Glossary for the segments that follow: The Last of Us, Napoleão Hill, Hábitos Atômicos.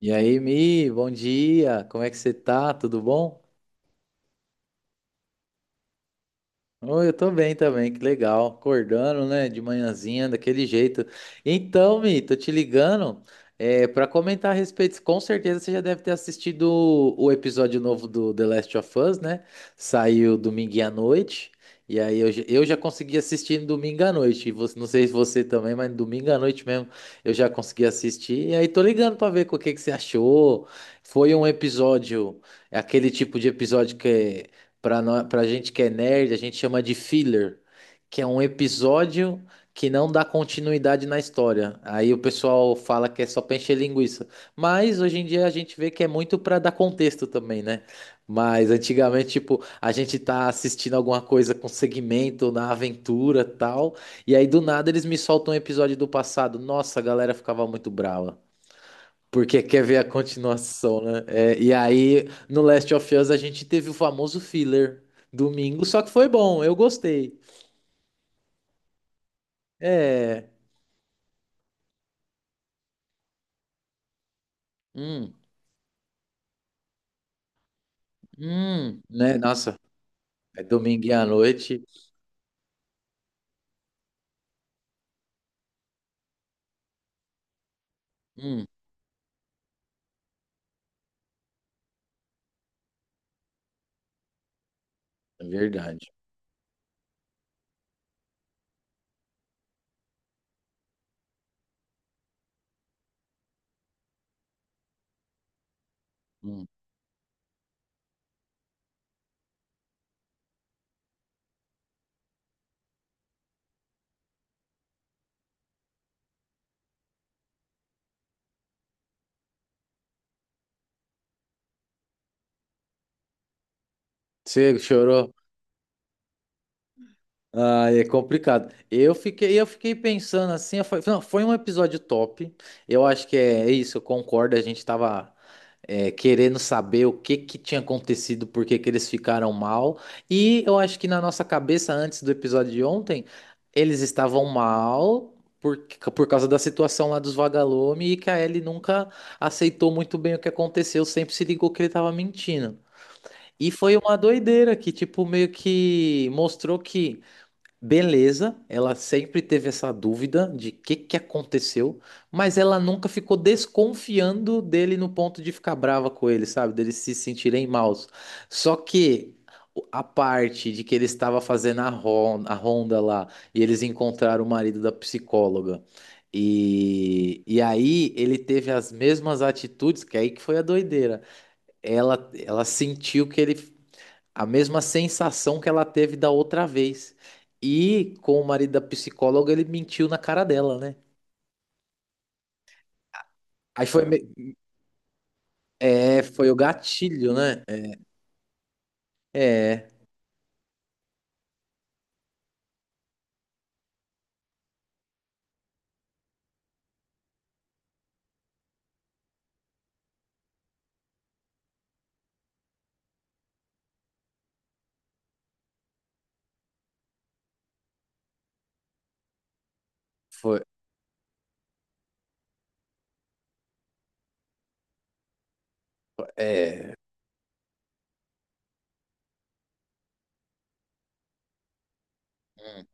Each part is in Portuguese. E aí, Mi, bom dia. Como é que você tá? Tudo bom? Oh, eu tô bem também, que legal. Acordando, né, de manhãzinha, daquele jeito. Então, Mi, tô te ligando para comentar a respeito. Com certeza você já deve ter assistido o episódio novo do The Last of Us, né? Saiu domingo à noite. E aí eu já consegui assistir no domingo à noite. E você, não sei se você também, mas domingo à noite mesmo eu já consegui assistir. E aí tô ligando pra ver o que que você achou. Foi um episódio, é aquele tipo de episódio que é. Pra gente que é nerd, a gente chama de filler, que é um episódio que não dá continuidade na história. Aí o pessoal fala que é só pra encher linguiça. Mas hoje em dia a gente vê que é muito pra dar contexto também, né? Mas antigamente, tipo, a gente tá assistindo alguma coisa com segmento na aventura tal, e aí do nada eles me soltam um episódio do passado. Nossa, a galera ficava muito brava. Porque quer ver a continuação, né? É, e aí, no Last of Us, a gente teve o famoso filler domingo, só que foi bom, eu gostei. É. Hum, né? Nossa, é domingo à noite. Hum, é verdade. Hum. Você chorou? Ah, é complicado. Eu fiquei pensando assim, eu falei, não, foi um episódio top. Eu acho que é isso, eu concordo. A gente tava querendo saber o que que tinha acontecido, por que que eles ficaram mal. E eu acho que na nossa cabeça, antes do episódio de ontem, eles estavam mal por, por causa da situação lá dos vagalume e que a Ellie nunca aceitou muito bem o que aconteceu, sempre se ligou que ele tava mentindo. E foi uma doideira que, tipo, meio que mostrou que. Beleza, ela sempre teve essa dúvida de o que que aconteceu, mas ela nunca ficou desconfiando dele no ponto de ficar brava com ele, sabe? Deles se sentirem maus. Só que a parte de que ele estava fazendo a ronda lá e eles encontraram o marido da psicóloga. E aí ele teve as mesmas atitudes, que aí que foi a doideira. Ela sentiu que ele a mesma sensação que ela teve da outra vez. E com o marido da psicóloga, ele mentiu na cara dela, né? Aí foi, me- é, Foi o gatilho, né? É, foi, é, hum,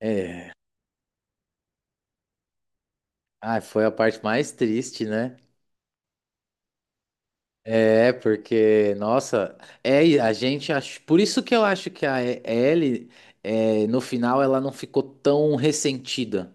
é. Ah, foi a parte mais triste, né? É, porque, nossa, é, e a gente acho, por isso que eu acho que a Ellie, no final, ela não ficou tão ressentida.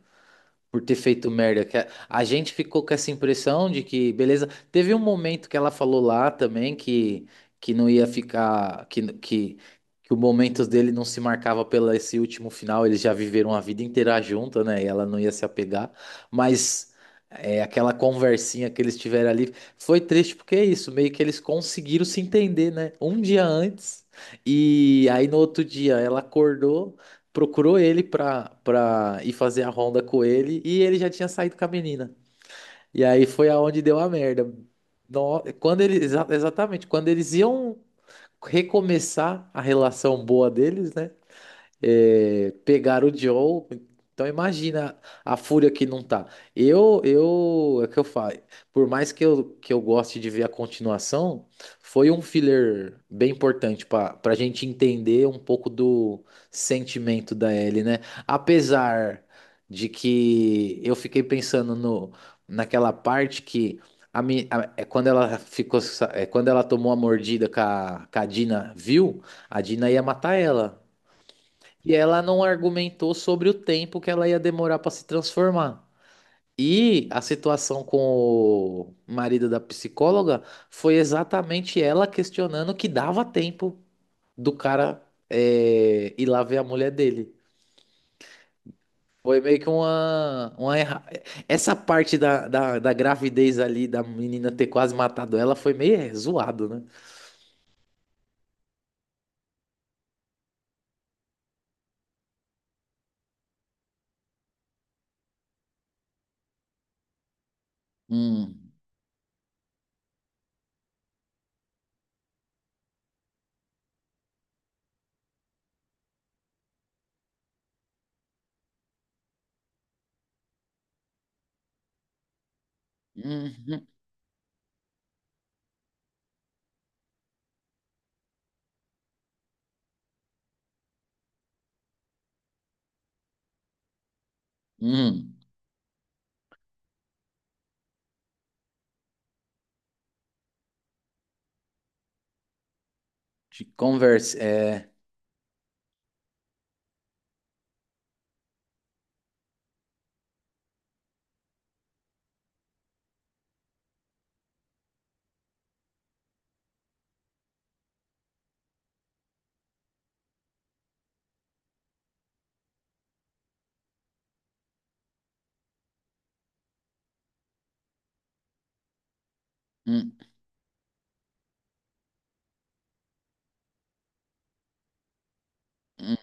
Por ter feito merda. Que a gente ficou com essa impressão de que, beleza, teve um momento que ela falou lá também que não ia ficar, que o momento dele não se marcava pelo esse último final, eles já viveram a vida inteira junto, né? E ela não ia se apegar, mas aquela conversinha que eles tiveram ali foi triste porque é isso, meio que eles conseguiram se entender, né? Um dia antes. E aí no outro dia ela acordou procurou ele pra ir fazer a ronda com ele e ele já tinha saído com a menina. E aí foi aonde deu a merda. Quando eles, exatamente, quando eles iam recomeçar a relação boa deles, né? É, pegar o Joe. Então imagina a fúria que não tá. É o que eu falo. Por mais que eu goste de ver a continuação, foi um filler bem importante para a gente entender um pouco do sentimento da Ellie, né? Apesar de que eu fiquei pensando no, naquela parte que a, mi- a- é quando ela ficou, quando ela tomou a mordida que a Dina viu, a Dina ia matar ela que ela não argumentou sobre o tempo que ela ia demorar para se transformar. E a situação com o marido da psicóloga foi exatamente ela questionando que dava tempo do cara ir lá ver a mulher dele. Foi meio que uma Essa parte da gravidez ali, da menina ter quase matado ela, foi meio zoado, né? Hum, hum, hum, hum. De conversa, é. Hum. Hum.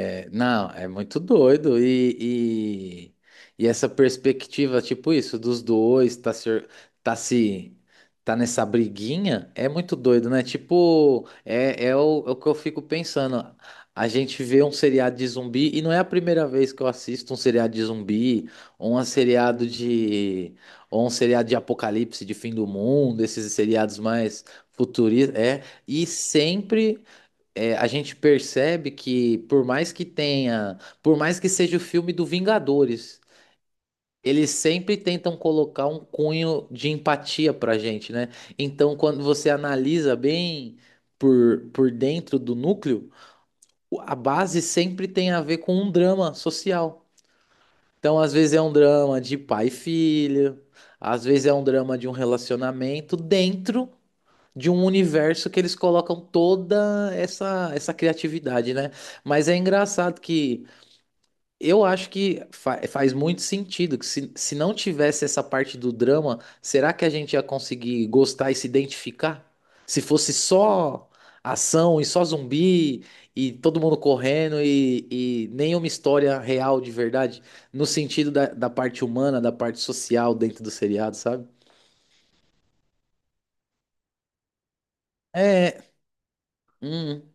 É, não, é muito doido. Essa perspectiva, tipo isso, dos dois, tá se, tá se, tá nessa briguinha, é muito doido, né? Tipo, é o que eu fico pensando. A gente vê um seriado de zumbi, e não é a primeira vez que eu assisto um seriado de zumbi, ou um seriado de, ou um seriado de apocalipse, de fim do mundo, esses seriados mais futuristas, é, e sempre a gente percebe que por mais que seja o filme do Vingadores, eles sempre tentam colocar um cunho de empatia pra gente, né? Então, quando você analisa bem por dentro do núcleo, a base sempre tem a ver com um drama social. Então, às vezes é um drama de pai e filho, às vezes é um drama de um relacionamento dentro de um universo que eles colocam toda essa criatividade, né? Mas é engraçado que eu acho que faz muito sentido que se não tivesse essa parte do drama, será que a gente ia conseguir gostar e se identificar? Se fosse só ação e só zumbi e todo mundo correndo e nenhuma história real de verdade, no sentido da parte humana, da parte social dentro do seriado, sabe? É, hum,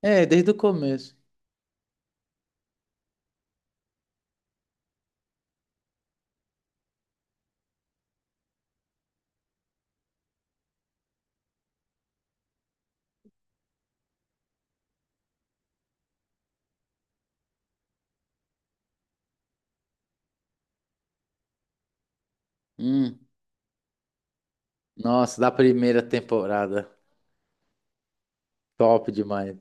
é, desde o começo. Hum. Nossa, da primeira temporada. Top demais.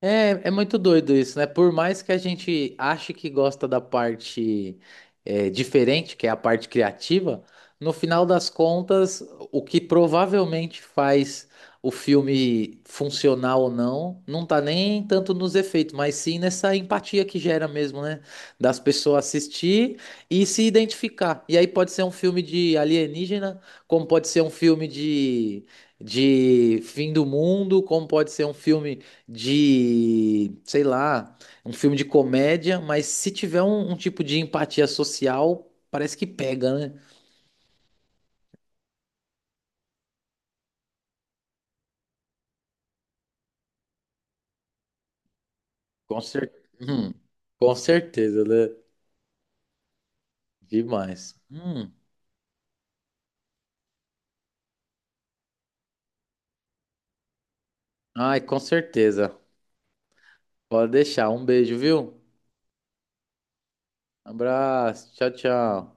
É, é muito doido isso, né? Por mais que a gente ache que gosta da parte diferente, que é a parte criativa, no final das contas, o que provavelmente faz o filme funcionar ou não, não tá nem tanto nos efeitos, mas sim nessa empatia que gera mesmo, né? Das pessoas assistir e se identificar. E aí pode ser um filme de alienígena, como pode ser um filme de. De fim do mundo, como pode ser um filme de, sei lá, um filme de comédia, mas se tiver um tipo de empatia social, parece que pega, né? Com cer... Hum, com certeza, né? Demais. Hum. Ai, com certeza. Pode deixar. Um beijo, viu? Abraço. Tchau, tchau.